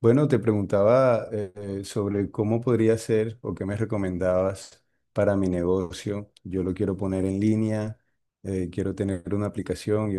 Bueno, te preguntaba sobre cómo podría ser o qué me recomendabas para mi negocio. Yo lo quiero poner en línea, quiero tener una aplicación.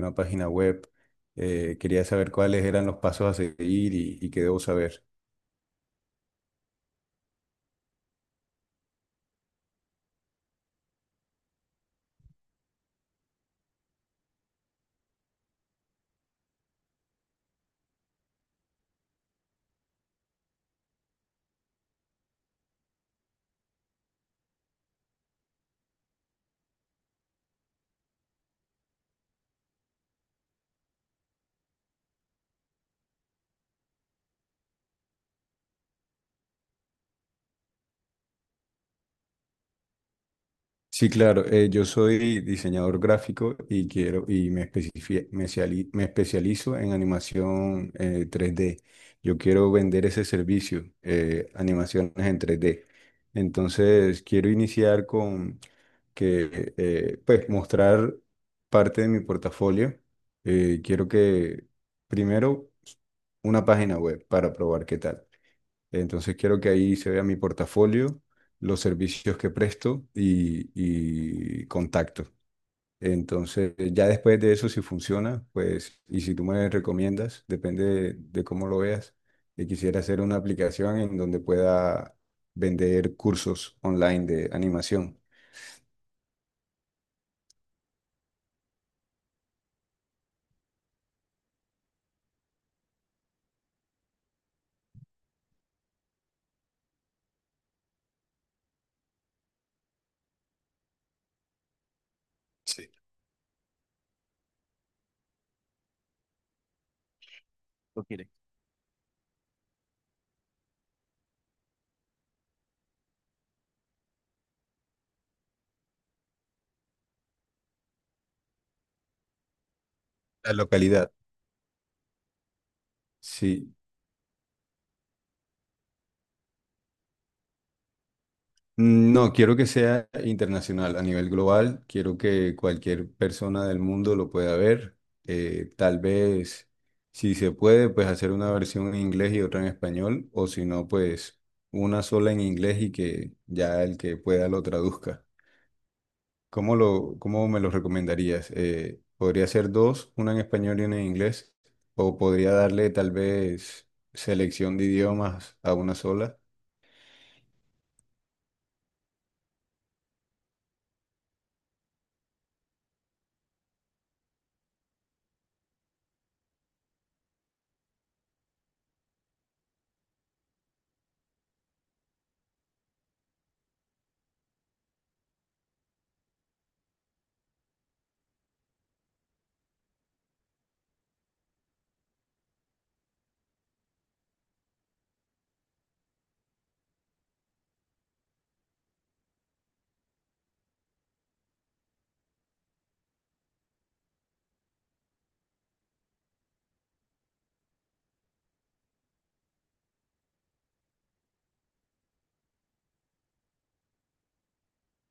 Sí, claro. Yo soy diseñador gráfico y quiero y me, especifi- me, ciali- me especializo en animación 3D. Yo quiero vender ese servicio, animaciones en 3D. Entonces, quiero iniciar con que, pues, mostrar parte de mi portafolio. Quiero que primero una página web para probar qué tal. Entonces quiero que ahí se vea mi portafolio, los servicios que presto y contacto. Entonces, ya después de eso, si funciona, pues, y si tú me recomiendas, depende de cómo lo veas, que quisiera hacer una aplicación en donde pueda vender cursos online de animación. Sí. La localidad. Sí. No, quiero que sea internacional, a nivel global. Quiero que cualquier persona del mundo lo pueda ver. Tal vez, si se puede, pues hacer una versión en inglés y otra en español, o si no, pues una sola en inglés y que ya el que pueda lo traduzca. ¿Cómo me lo recomendarías? ¿Podría ser dos, una en español y una en inglés? ¿O podría darle tal vez selección de idiomas a una sola?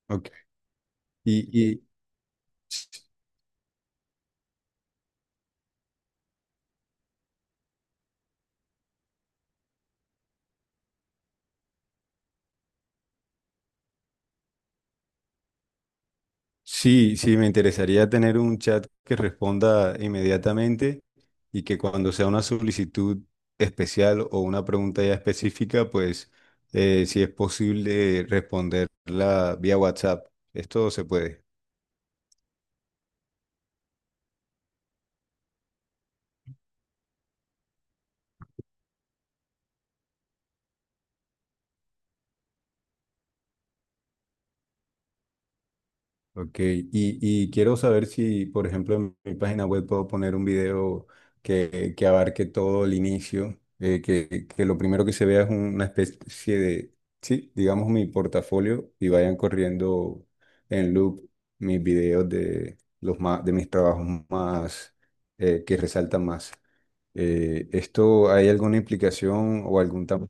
Ok. Y, y Sí, sí, me interesaría tener un chat que responda inmediatamente y que cuando sea una solicitud especial o una pregunta ya específica, pues si es posible responderla vía WhatsApp. Esto se puede. Ok, y quiero saber si, por ejemplo, en mi página web puedo poner un video que abarque todo el inicio, que lo primero que se vea es una especie de, sí, digamos mi portafolio y vayan corriendo en loop mis videos de mis trabajos más, que resaltan más. ¿Esto hay alguna implicación o algún tamaño?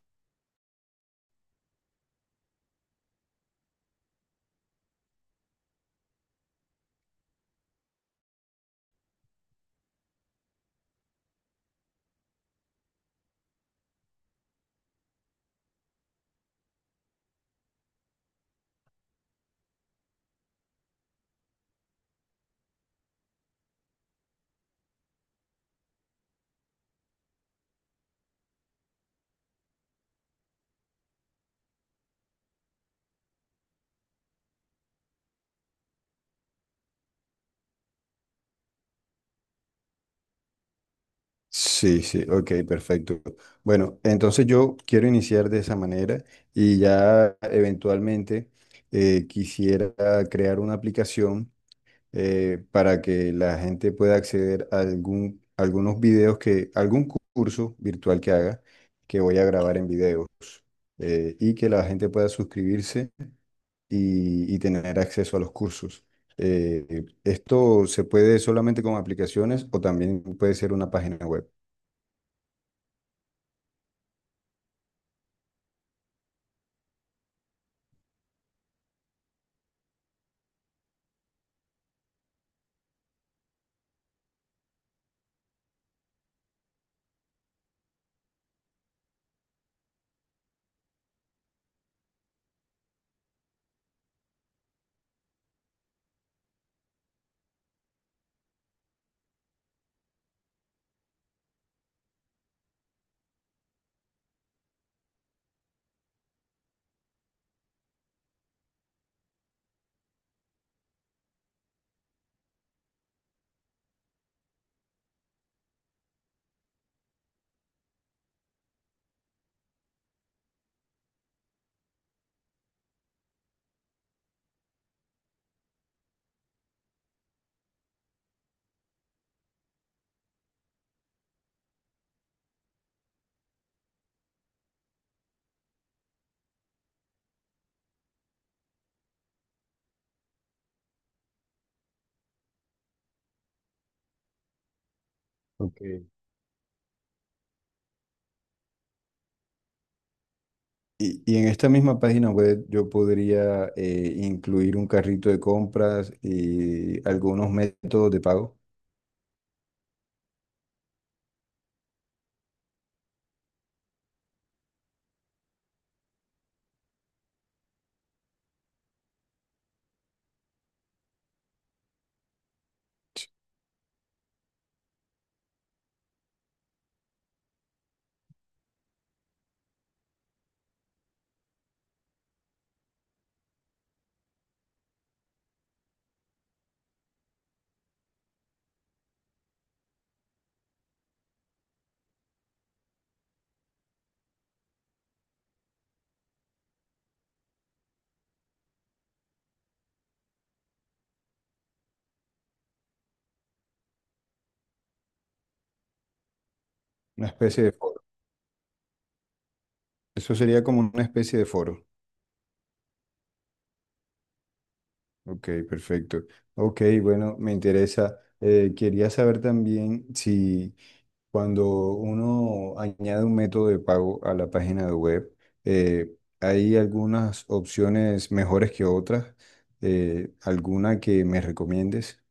Sí, sí, ok, perfecto. Bueno, entonces yo quiero iniciar de esa manera y ya eventualmente quisiera crear una aplicación para que la gente pueda acceder a algún curso virtual que haga, que voy a grabar en videos y que la gente pueda suscribirse y tener acceso a los cursos. Esto se puede solamente con aplicaciones o también puede ser una página web. Ok. Y en esta misma página web yo podría incluir un carrito de compras y algunos métodos de pago, una especie de foro. Eso sería como una especie de foro. Ok, perfecto. Ok, bueno, me interesa. Quería saber también si cuando uno añade un método de pago a la página de web, eh, hay algunas opciones mejores que otras. ¿Alguna que me recomiendes?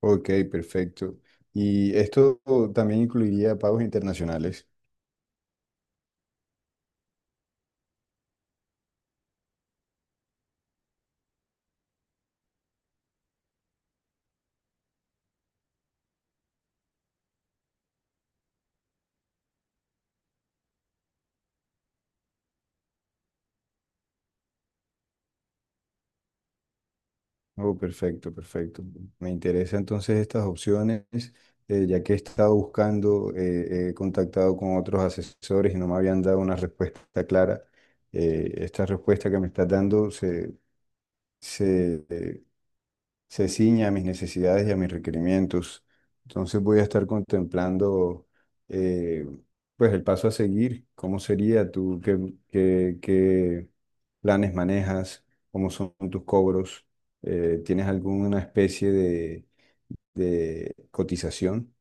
Ok, perfecto. Y esto también incluiría pagos internacionales. Oh, perfecto, perfecto. Me interesan entonces estas opciones, ya que he estado buscando, he contactado con otros asesores y no me habían dado una respuesta clara. Esta respuesta que me estás dando se, eh, se ciña a mis necesidades y a mis requerimientos. Entonces voy a estar contemplando eh, pues el paso a seguir, cómo sería tú, qué planes manejas, cómo son tus cobros, ¿tienes alguna especie de cotización?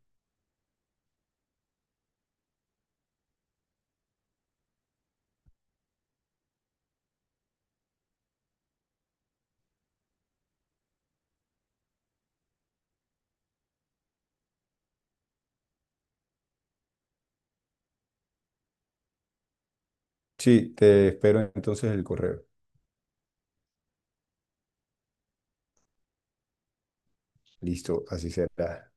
Sí, te espero entonces el correo. Listo, así será.